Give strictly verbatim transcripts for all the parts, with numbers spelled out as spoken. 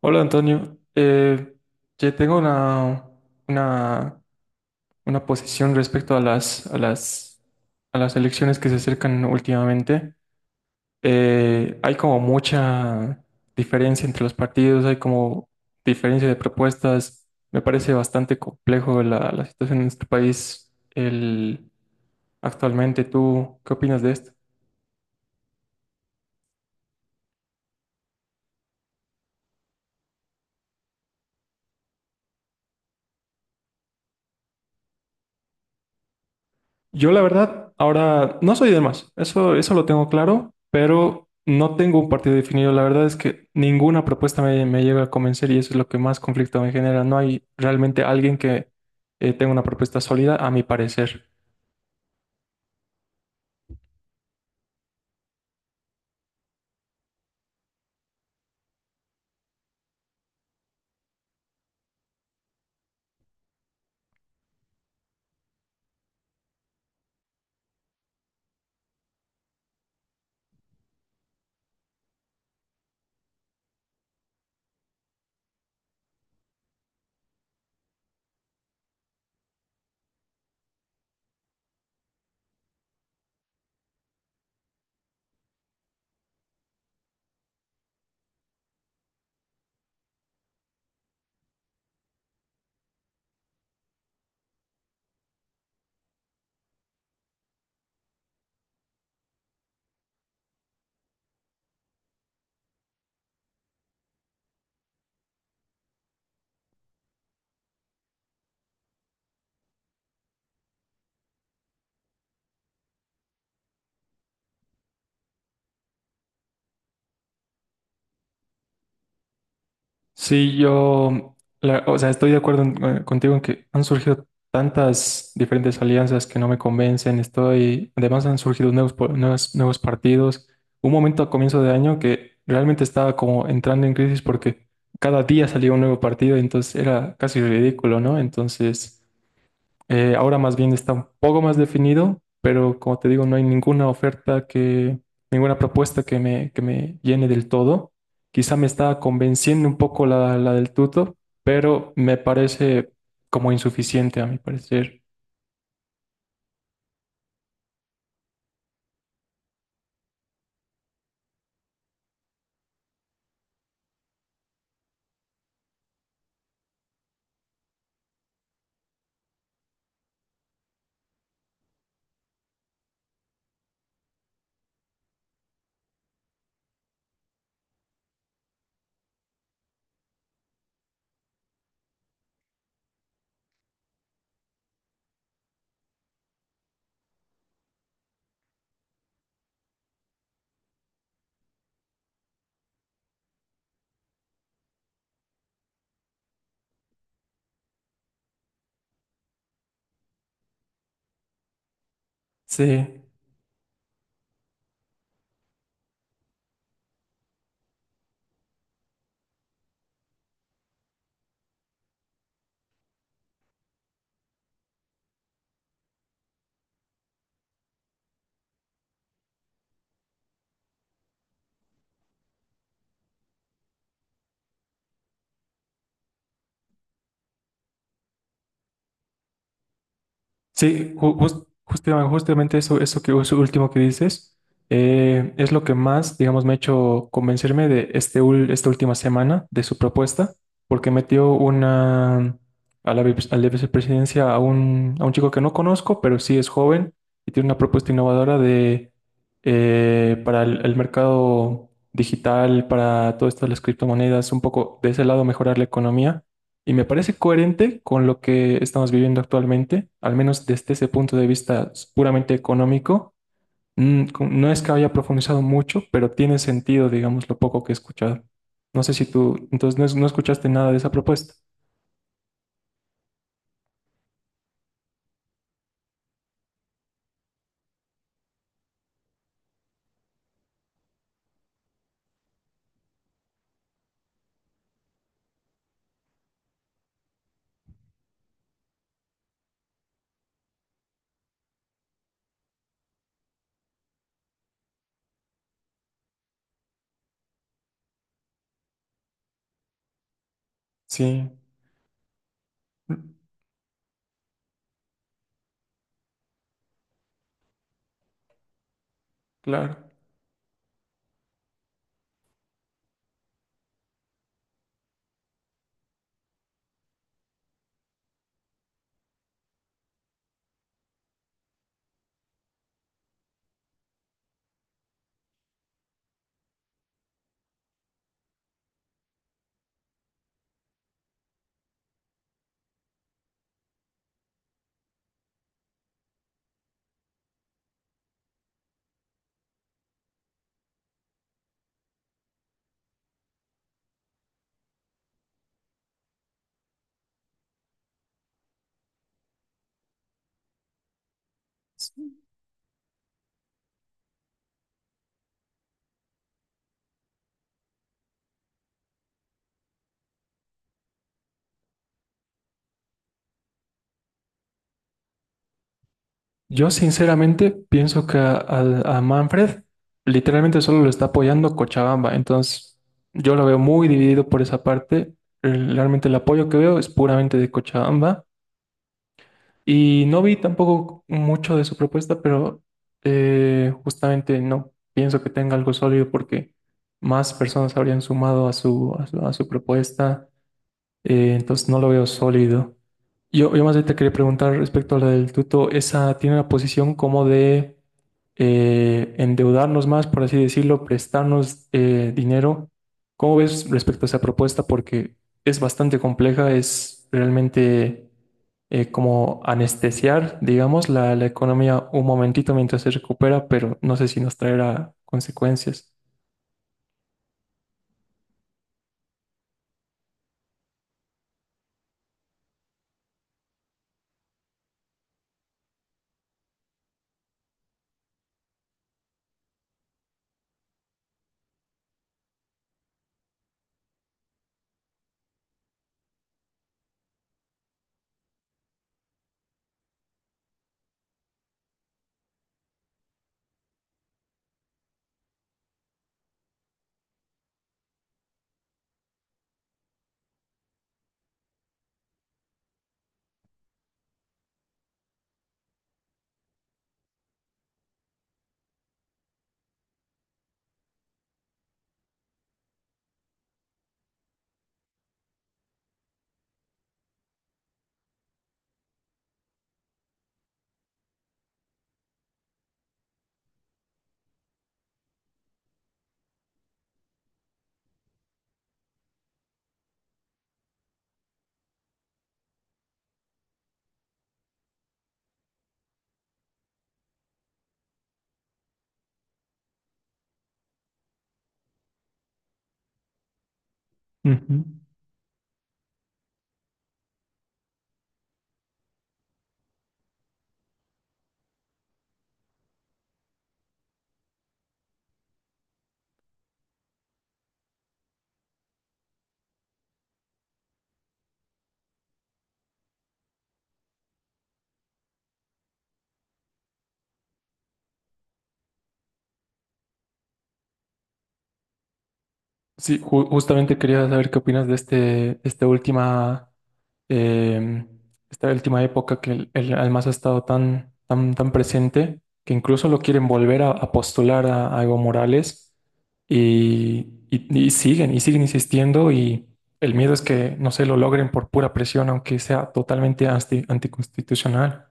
Hola Antonio, eh, yo tengo una, una, una posición respecto a las, a las, a las elecciones que se acercan últimamente. Eh, hay como mucha diferencia entre los partidos, hay como diferencia de propuestas. Me parece bastante complejo la, la situación en nuestro país el, actualmente. ¿Tú qué opinas de esto? Yo la verdad, ahora no soy de más, eso, eso lo tengo claro, pero no tengo un partido definido. La verdad es que ninguna propuesta me, me llega a convencer y eso es lo que más conflicto me genera. No hay realmente alguien que eh, tenga una propuesta sólida, a mi parecer. Sí, yo, la- o sea, estoy de acuerdo en- eh, contigo en que han surgido tantas diferentes alianzas que no me convencen. Estoy, además han surgido nuevos, po- nuevas- nuevos partidos. Un momento a comienzo de año que realmente estaba como entrando en crisis porque cada día salía un nuevo partido, entonces era casi ridículo, ¿no? Entonces, eh, ahora más bien está un poco más definido, pero como te digo, no hay ninguna oferta que, ninguna propuesta que me, que me llene del todo. Quizá me está convenciendo un poco la, la del tuto, pero me parece como insuficiente a mi parecer. Sí. Sí, ju- jus- justamente, justamente eso, eso que eso último que dices eh, es lo que más, digamos, me ha hecho convencerme de este, ul- esta última semana de su propuesta, porque metió una a la, vice- a la vicepresidencia a un, a un chico que no conozco, pero sí es joven y tiene una propuesta innovadora de eh, para el, el mercado digital, para todas estas las criptomonedas, un poco de ese lado mejorar la economía. Y me parece coherente con lo que estamos viviendo actualmente, al menos desde ese punto de vista puramente económico. Mm, con- No es que haya profundizado mucho, pero tiene sentido, digamos, lo poco que he escuchado. No sé si tú, entonces, no, es- no escuchaste nada de esa propuesta. Sí, mm, claro. Yo sinceramente pienso que a, a- a Manfred literalmente solo lo está apoyando Cochabamba, entonces yo lo veo muy dividido por esa parte. Realmente el apoyo que veo es puramente de Cochabamba. Y no vi tampoco mucho de su propuesta, pero eh, justamente no pienso que tenga algo sólido porque más personas habrían sumado a su, a su, a su propuesta, eh, entonces no lo veo sólido. Yo, yo más bien te quería preguntar respecto a la del tuto, esa tiene una posición como de eh, endeudarnos más, por así decirlo, prestarnos eh, dinero. ¿Cómo ves respecto a esa propuesta? Porque es bastante compleja, es realmente eh, como anestesiar, digamos, la, la economía un momentito mientras se recupera, pero no sé si nos traerá consecuencias. Ujú. Sí, ju- justamente quería saber qué opinas de este, este última, em, esta última época que el, el Almazo ha estado tan, tan, tan presente, que incluso lo quieren volver a, a postular a, a Evo Morales y, y- y siguen, y siguen insistiendo y el miedo es que no se lo logren por pura presión, aunque sea totalmente anti- anticonstitucional.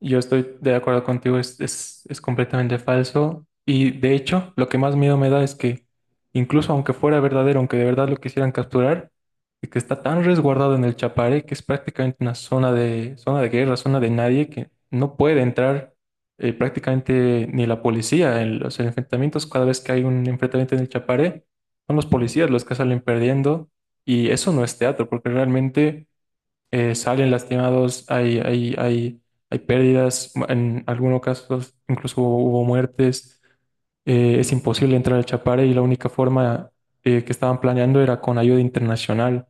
Yo estoy de acuerdo contigo, es, es, es completamente falso. Y de hecho, lo que más miedo me da es que, incluso aunque fuera verdadero, aunque de verdad lo quisieran capturar, y que está tan resguardado en el Chaparé, que es prácticamente una zona de, zona de guerra, zona de nadie, que no puede entrar eh, prácticamente ni la policía. En los enfrentamientos, cada vez que hay un enfrentamiento en el Chaparé, son los policías los que salen perdiendo. Y eso no es teatro, porque realmente eh, salen lastimados, hay, hay, hay, hay pérdidas, en algunos casos incluso hubo, hubo muertes, eh, es imposible entrar al Chapare y la única forma eh, que estaban planeando era con ayuda internacional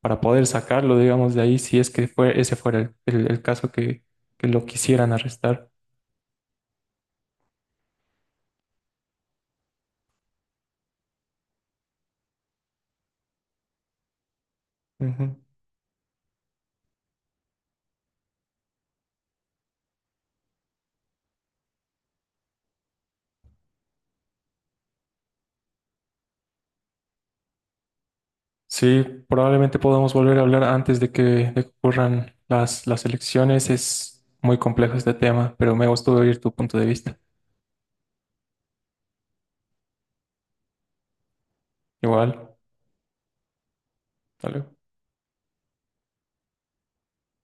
para poder sacarlo, digamos, de ahí, si es que fue, ese fuera el, el- el caso que, que lo quisieran arrestar. Ujú. Sí, probablemente podamos volver a hablar antes de que, de que ocurran las, las elecciones. Es muy complejo este tema, pero me gustó oír tu punto de vista. Igual, hasta luego.